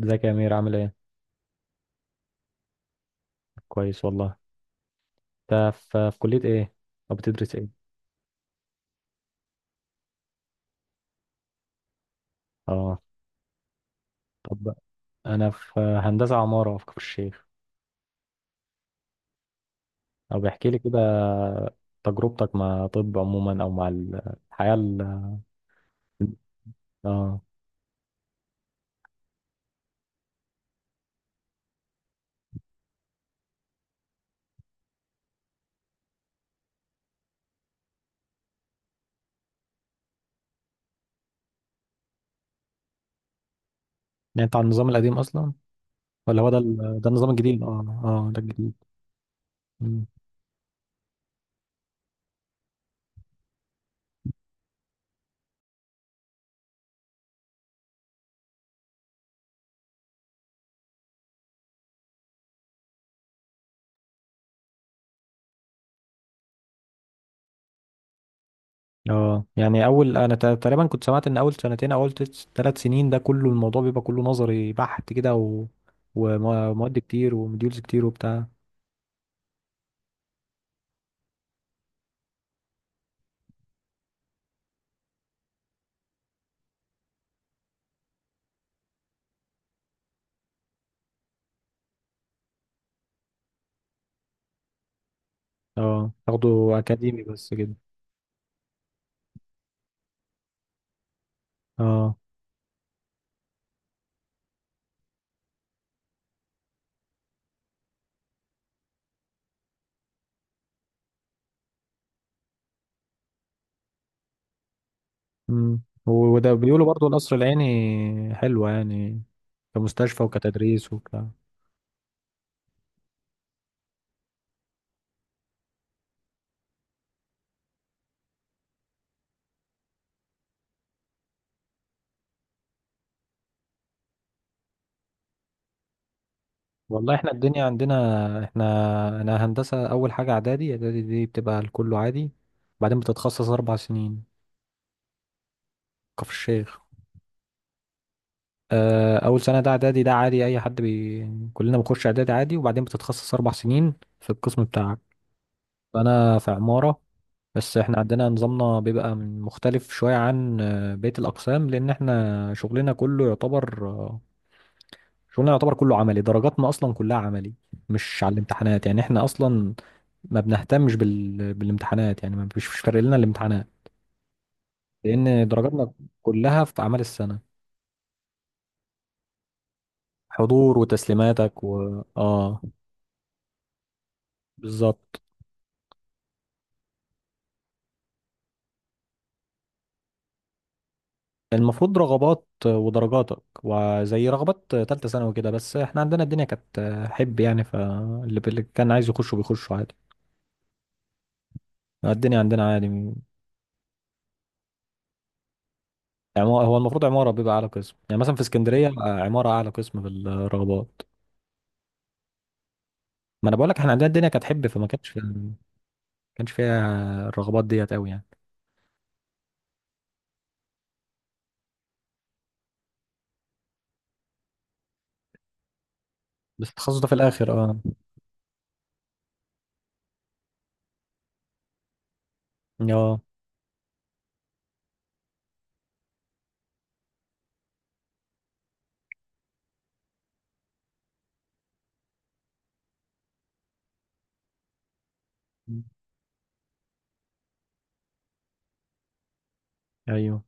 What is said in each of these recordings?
ازيك يا امير، عامل ايه؟ كويس والله. انت في كلية ايه، او بتدرس ايه؟ اه. طب. انا في هندسة عمارة في كفر الشيخ. او بيحكي لي كده. تجربتك مع طب عموما او مع الحياة اه، يعني انت على النظام القديم اصلا، ولا هو ده النظام الجديد؟ اه. اه، ده الجديد. مم. اه، يعني اول انا تقريبا كنت سمعت ان اول سنتين او اول 3 سنين ده كله الموضوع بيبقى كله نظري بحت كده، ومواد كتير، وموديولز كتير، وبتاع. اه، تاخده اكاديمي بس كده. اه. وده بيقولوا برضو القصر العيني حلوة يعني، كمستشفى وكتدريس وك. والله، احنا الدنيا عندنا، احنا انا هندسة، اول حاجة اعدادي دي بتبقى الكل عادي، بعدين بتتخصص 4 سنين. كفر الشيخ. اول سنة ده اعدادي، ده عادي، اي حد كلنا بنخش اعدادي عادي، وبعدين بتتخصص 4 سنين في القسم بتاعك. فانا في عمارة. بس احنا عندنا نظامنا بيبقى مختلف شوية عن بقية الاقسام، لان احنا شغلنا كله يعتبر، شغلنا يعتبر كله عملي، درجاتنا اصلا كلها عملي، مش على الامتحانات. يعني احنا اصلا ما بنهتمش بالامتحانات، يعني ما فيش، مش فارق لنا الامتحانات، لان درجاتنا كلها في اعمال السنه. حضور وتسليماتك و اه بالظبط. المفروض رغبات ودرجاتك، وزي رغبات تالتة ثانوي كده، بس احنا عندنا الدنيا كانت حب يعني، فاللي كان عايز يخشه بيخشه عادي. الدنيا عندنا عادي. يعني هو المفروض عمارة بيبقى أعلى قسم، يعني مثلا في اسكندرية عمارة أعلى قسم في الرغبات. ما انا بقول لك احنا عندنا الدنيا كانت حب، فما كانش في، ما كانش فيها الرغبات ديت قوي يعني. بس التخصص ده في الاخر، اه. اه ايوه.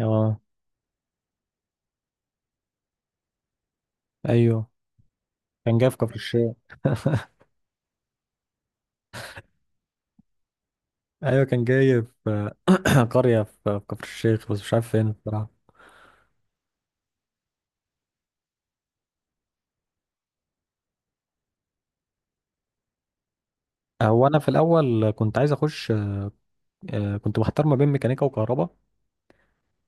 اه ايوه، كان جاي في كفر الشيخ ايوه كان جاي في قريه في كفر الشيخ، بس مش عارف فين بصراحه. هو انا في الاول كنت عايز اخش، كنت محتار ما بين ميكانيكا وكهرباء،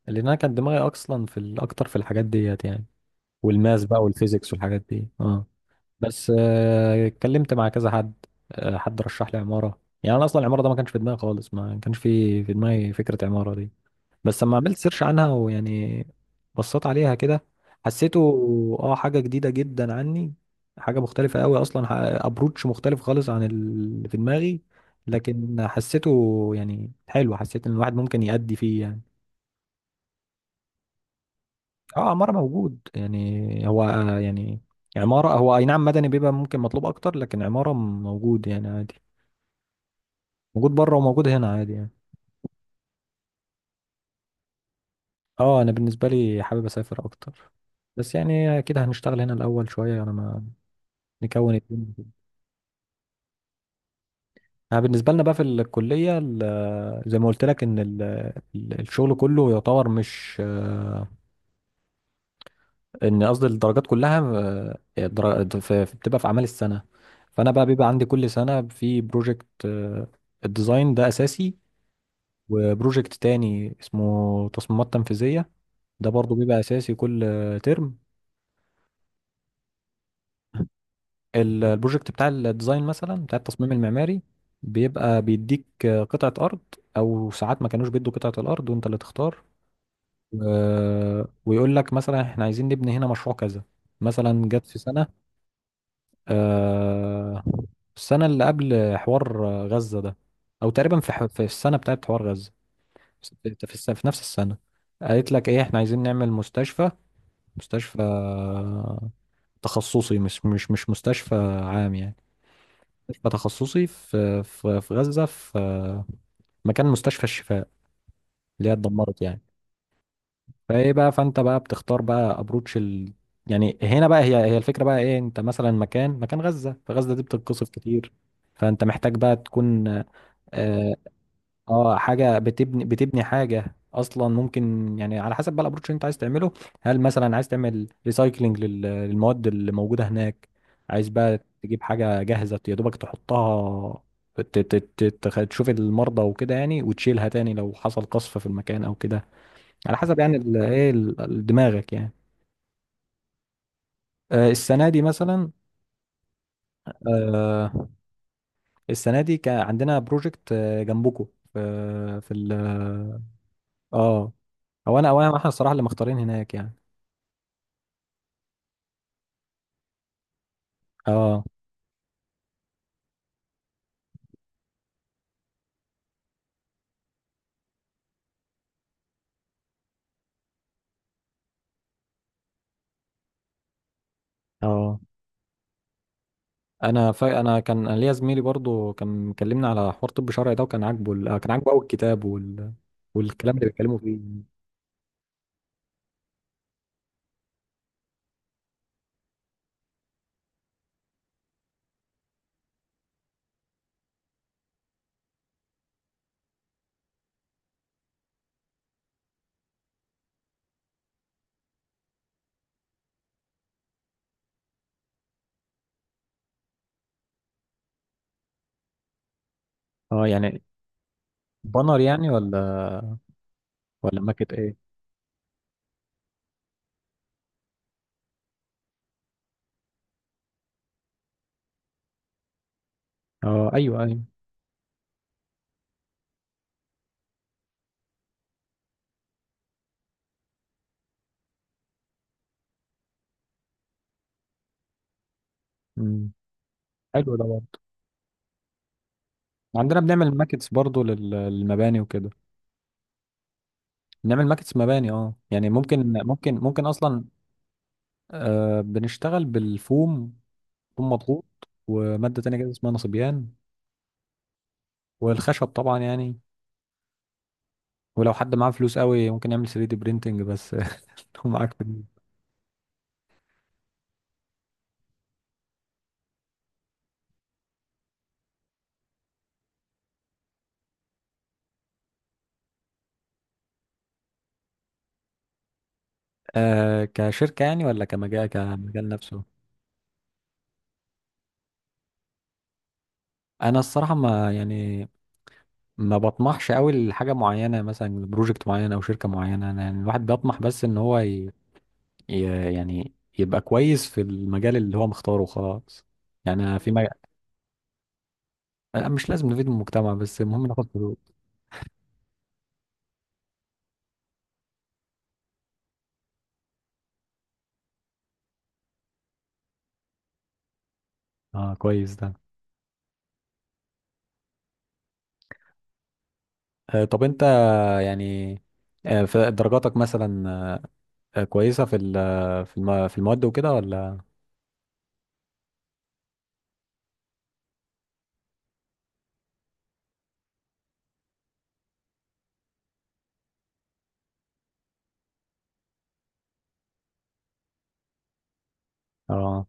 لان انا كان دماغي اصلا في اكتر في الحاجات ديت يعني، والماس بقى والفيزيكس والحاجات دي، اه. بس اتكلمت مع كذا حد. حد رشح لي عمارة. يعني انا اصلا العمارة ده ما كانش في دماغي خالص، ما كانش في دماغي فكرة عمارة دي. بس لما عملت سيرش عنها ويعني بصيت عليها كده، حسيته، اه، حاجة جديدة جدا عني، حاجة مختلفة قوي اصلا. ابروتش مختلف خالص عن اللي في دماغي، لكن حسيته يعني حلو، حسيت ان الواحد ممكن يأدي فيه يعني. اه، عمارة موجود. يعني هو يعني عمارة، هو اي نعم مدني بيبقى ممكن مطلوب اكتر، لكن عمارة موجود يعني عادي، موجود بره وموجود هنا عادي يعني. اه، انا بالنسبة لي حابب اسافر اكتر، بس يعني اكيد هنشتغل هنا الاول شوية، يعني ما نكون الدنيا كده. انا بالنسبة لنا بقى في الكلية، زي ما قلت لك ان الشغل كله يعتبر مش، ان قصدي الدرجات كلها، بتبقى في اعمال السنه. فانا بقى بيبقى عندي كل سنه في بروجكت، الديزاين ده اساسي. وبروجكت تاني اسمه تصميمات تنفيذيه، ده برضو بيبقى اساسي كل ترم. البروجكت بتاع الديزاين مثلا، بتاع التصميم المعماري، بيبقى بيديك قطعه ارض، او ساعات ما كانوش بيدوا قطعه الارض وانت اللي تختار، ويقول لك مثلا احنا عايزين نبني هنا مشروع كذا. مثلا جت في سنه، آه، السنة اللي قبل حوار غزة ده، أو تقريبا في في السنة بتاعت حوار غزة. في نفس السنة قالت لك إيه، إحنا عايزين نعمل مستشفى. مستشفى تخصصي، مش مستشفى عام يعني، مستشفى تخصصي في غزة، في مكان مستشفى الشفاء اللي هي اتدمرت يعني. فإيه بقى، فأنت بقى بتختار بقى أبروتش يعني هنا بقى، هي هي الفكرة بقى إيه. أنت مثلا مكان، مكان غزة، فغزة دي بتتقصف كتير، فانت محتاج بقى تكون، اه، حاجه بتبني، بتبني حاجه اصلا ممكن يعني، على حسب بقى الابروتش اللي انت عايز تعمله. هل مثلا عايز تعمل ريسايكلينج للمواد اللي موجوده هناك، عايز بقى تجيب حاجه جاهزه يا دوبك تحطها، تشوف المرضى وكده يعني، وتشيلها تاني لو حصل قصف في المكان او كده، على حسب يعني ايه دماغك يعني. السنه دي مثلا، آه، السنه دي كان عندنا بروجكت جنبكم في في ال- اه. هو انا، او انا احنا الصراحه اللي مختارين هناك يعني. اه اه. انا ف... انا كان أنا ليا زميلي برضو كان مكلمنا على حوار طب شرعي ده، وكان عاجبه كان عاجبه قوي الكتاب والكلام اللي بيتكلموا فيه. اه يعني، بانر يعني، ولا ولا ماكت، ايه؟ اه، ايوه ايوه. امم. حلو ده برضه. عندنا بنعمل ماكتس برضه للمباني وكده، بنعمل ماكتس مباني. اه يعني، ممكن اصلا. آه، بنشتغل بالفوم، فوم مضغوط، وماده تانية كده اسمها نصبيان، والخشب طبعا يعني. ولو حد معاه فلوس قوي، ممكن يعمل 3 دي برينتنج بس لو معاك فلوس. آه، كشركة يعني ولا كمجال، كمجال نفسه. انا الصراحة، ما بطمحش قوي لحاجة معينة، مثلا بروجكت معين او شركة معينة. أنا يعني، الواحد بيطمح بس ان هو ي... ي... يعني يبقى كويس في المجال اللي هو مختاره خلاص. يعني أنا في مجال مش لازم نفيد المجتمع، بس المهم ناخد فلوس. اه كويس ده. آه طب انت، يعني في درجاتك مثلا، كويسة في في في المواد وكده ولا؟ اه.